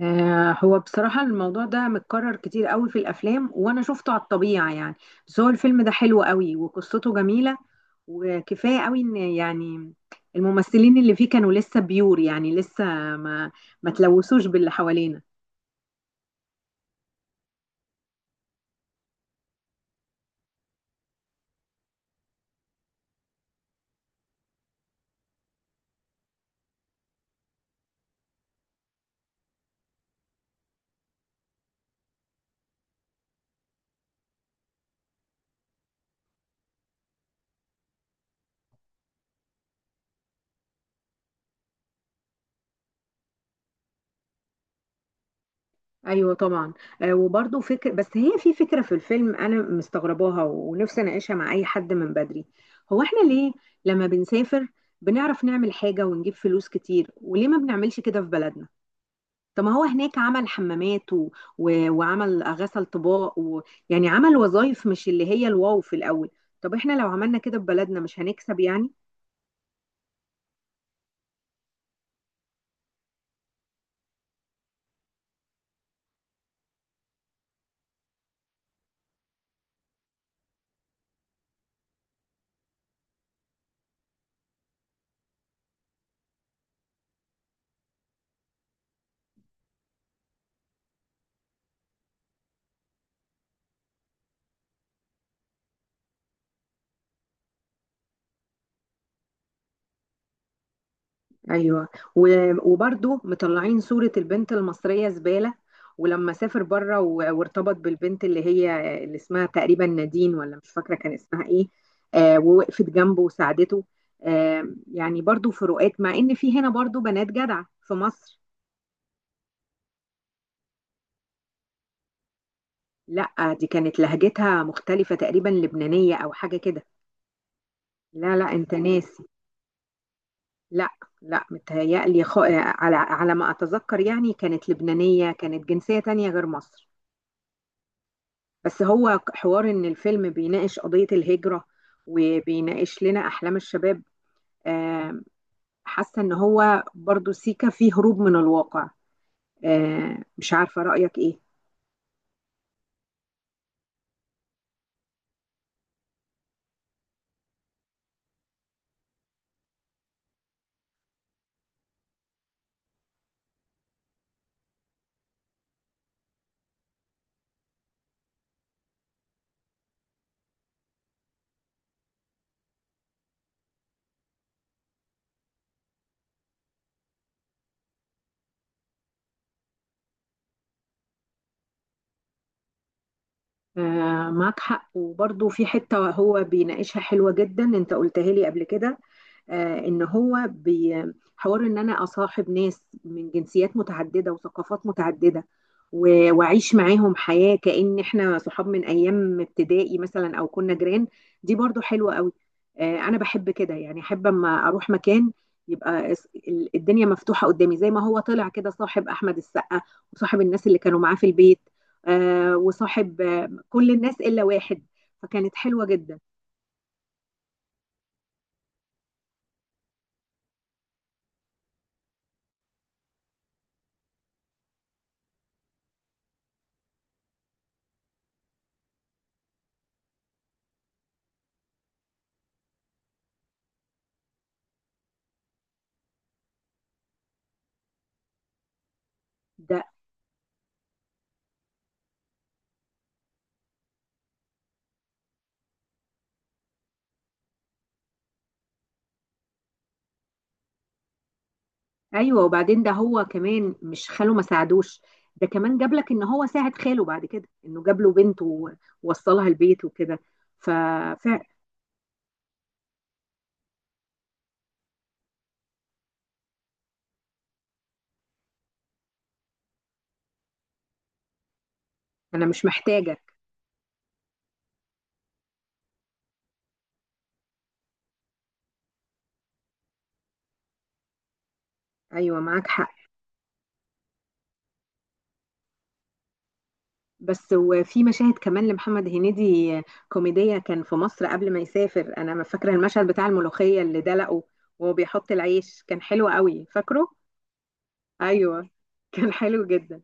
آه، هو بصراحة الموضوع ده متكرر كتير قوي في الأفلام وأنا شفته على الطبيعة يعني. بس هو الفيلم ده حلو قوي وقصته جميلة، وكفاية قوي إن يعني الممثلين اللي فيه كانوا لسه بيور، يعني لسه ما ما تلوثوش باللي حوالينا. أيوة طبعا. آه، وبرضه فكرة، بس هي في فكرة في الفيلم أنا مستغرباها ونفسي أناقشها مع أي حد من بدري. هو إحنا ليه لما بنسافر بنعرف نعمل حاجة ونجيب فلوس كتير وليه ما بنعملش كده في بلدنا؟ طب ما هو هناك عمل حمامات، وعمل غسل طباق، يعني عمل وظائف مش اللي هي الواو في الأول. طب احنا لو عملنا كده في بلدنا مش هنكسب يعني. ايوه. و... وبرضو مطلعين صورة البنت المصرية زبالة. ولما سافر بره وارتبط بالبنت اللي هي اللي اسمها تقريبا نادين، ولا مش فاكرة كان اسمها ايه. آه، ووقفت جنبه وساعدته. آه، يعني برضو فروقات، مع ان في هنا برضو بنات جدعة في مصر. لا، دي كانت لهجتها مختلفة، تقريبا لبنانية أو حاجة كده. لا لا، أنت ناسي. لا. لا، متهيألي خ... آه، على ما أتذكر يعني كانت لبنانية، كانت جنسية تانية غير مصر. بس هو حوار إن الفيلم بيناقش قضية الهجرة، وبيناقش لنا أحلام الشباب. آه، حاسة إن هو برضو سيكا فيه هروب من الواقع. آه، مش عارفة رأيك إيه. آه معاك حق، وبرضه في حتة هو بيناقشها حلوة جدا، انت قلتها لي قبل كده. آه، ان هو بي حوار ان انا اصاحب ناس من جنسيات متعددة وثقافات متعددة، واعيش معاهم حياة كأن احنا صحاب من ايام ابتدائي مثلا او كنا جيران. دي برضه حلوة قوي. آه، انا بحب كده، يعني احب اما اروح مكان يبقى الدنيا مفتوحة قدامي، زي ما هو طلع كده صاحب احمد السقا، وصاحب الناس اللي كانوا معاه في البيت. آه، وصاحب كل الناس الا واحد. فكانت حلوه جدا. ده ايوه. وبعدين ده هو كمان مش خاله ما ساعدوش، ده كمان جاب لك ان هو ساعد خاله بعد كده انه جاب له بنته ووصلها البيت وكده. ففعلا. انا مش محتاجك. ايوه معاك حق. بس وفي مشاهد كمان لمحمد هنيدي كوميدية كان في مصر قبل ما يسافر. انا ما فاكره المشهد بتاع الملوخية اللي دلقه وهو بيحط العيش، كان حلو قوي، فاكره؟ ايوه، كان حلو جدا.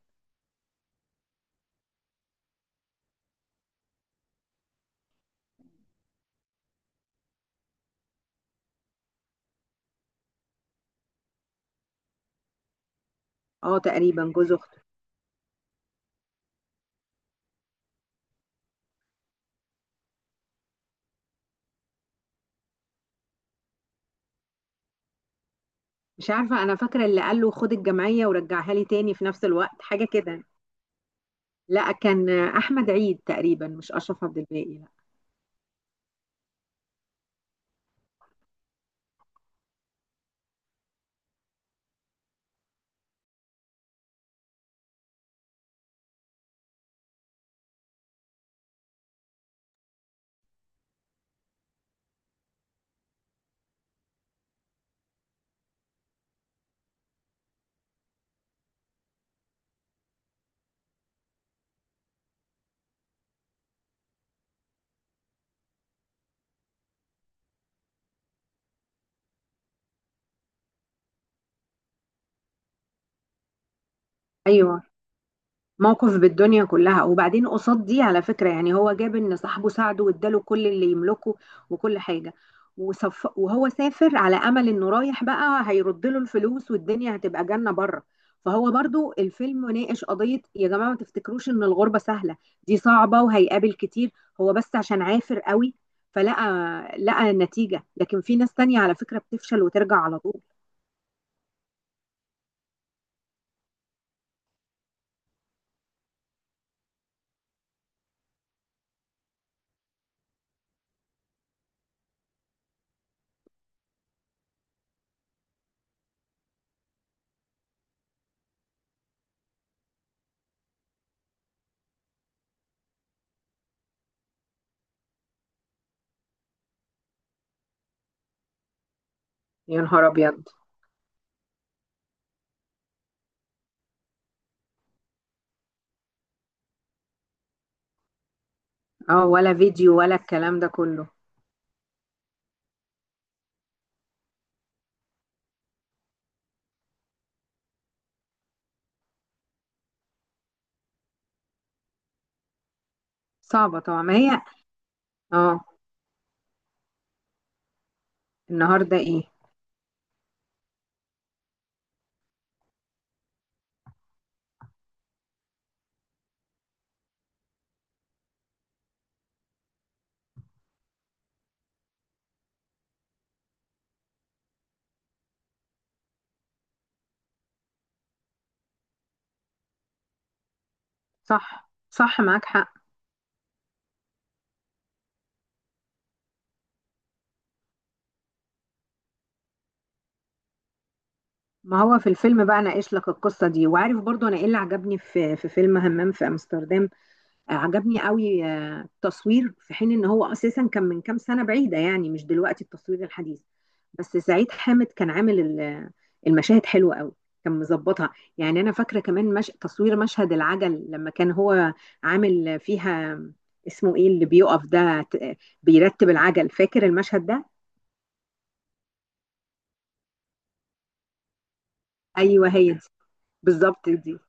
اه تقريبا جوز اخته. مش عارفة، أنا فاكرة اللي قال له خد الجمعية ورجعها لي تاني في نفس الوقت، حاجة كده. لا، كان أحمد عيد تقريبا، مش أشرف عبد الباقي، لا. أيوه. موقف بالدنيا كلها. وبعدين قصاد دي على فكرة، يعني هو جاب ان صاحبه ساعده واداله كل اللي يملكه وكل حاجة، وصف، وهو سافر على امل انه رايح بقى هيرد له الفلوس والدنيا هتبقى جنة بره. فهو برضو الفيلم ناقش قضية يا جماعة ما تفتكروش ان الغربة سهلة، دي صعبة، وهيقابل كتير. هو بس عشان عافر قوي فلقى لقى النتيجة، لكن في ناس تانية على فكرة بتفشل وترجع على طول. يا نهار ابيض. اه، ولا فيديو ولا الكلام ده كله. صعبة طبعا، ما هي. اه. النهارده ايه؟ صح صح، معاك حق. ما هو في الفيلم بقى ناقش لك القصه دي. وعارف برضو انا ايه اللي عجبني في فيلم همام في امستردام؟ آه، عجبني قوي. آه، التصوير، في حين ان هو اساسا كان من كام سنه بعيده، يعني مش دلوقتي التصوير الحديث. بس سعيد حامد كان عامل المشاهد حلوه قوي، كان مظبطها. يعني انا فاكره كمان مش... تصوير مشهد العجل لما كان هو عامل فيها. اسمه ايه اللي بيقف ده بيرتب العجل؟ فاكر المشهد ده؟ ايوه هي. بالظبط دي.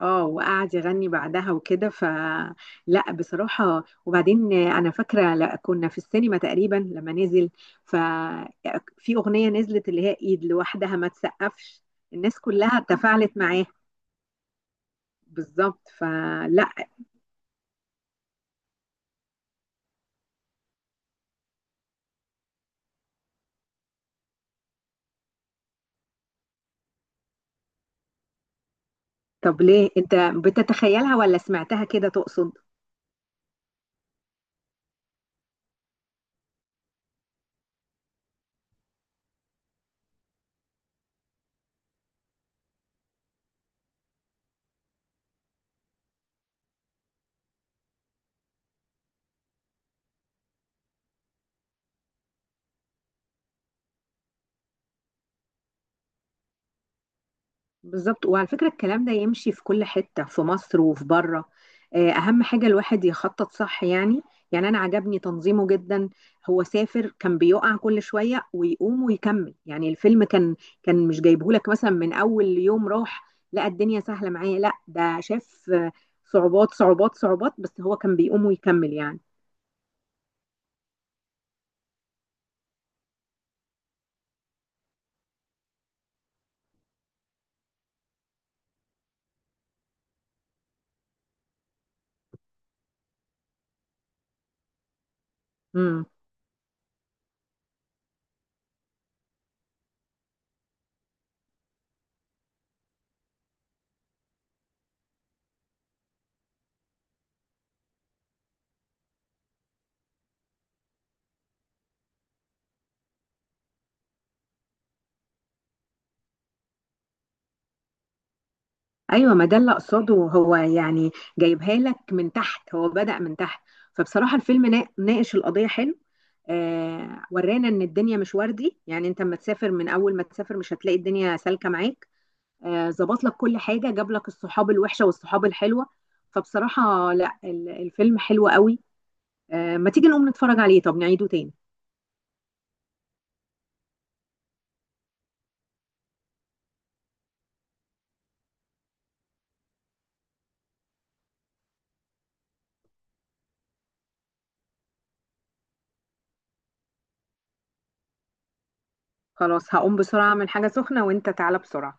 اه، وقعد يغني بعدها وكده. فلا بصراحة. وبعدين انا فاكرة لا كنا في السينما تقريبا لما نزل، ففي اغنية نزلت اللي هي ايد لوحدها ما تسقفش، الناس كلها تفاعلت معاها. بالظبط. فلا. طب ليه انت بتتخيلها ولا سمعتها كده تقصد؟ بالظبط. وعلى فكرة الكلام ده يمشي في كل حتة في مصر وفي بره. آه، أهم حاجة الواحد يخطط صح يعني. يعني أنا عجبني تنظيمه جدا. هو سافر كان بيقع كل شوية ويقوم ويكمل، يعني الفيلم كان مش جايبهولك مثلا من أول يوم راح لا الدنيا سهلة معايا، لا ده شاف آه، صعوبات صعوبات صعوبات، بس هو كان بيقوم ويكمل يعني. امم. أيوة، ما ده اللي أقصده هو يعني، جايبها لك من تحت، هو بدأ من تحت. فبصراحة الفيلم ناقش القضية حلو. آه، ورانا ان الدنيا مش وردي، يعني انت اما تسافر من اول ما تسافر مش هتلاقي الدنيا سالكه معاك. آه، ظبط لك كل حاجه، جاب لك الصحاب الوحشه والصحاب الحلوه. فبصراحه لا الفيلم حلو قوي. آه، ما تيجي نقوم نتفرج عليه؟ طب نعيده تاني. خلاص هقوم بسرعه من حاجه سخنه، وانت تعالى بسرعه.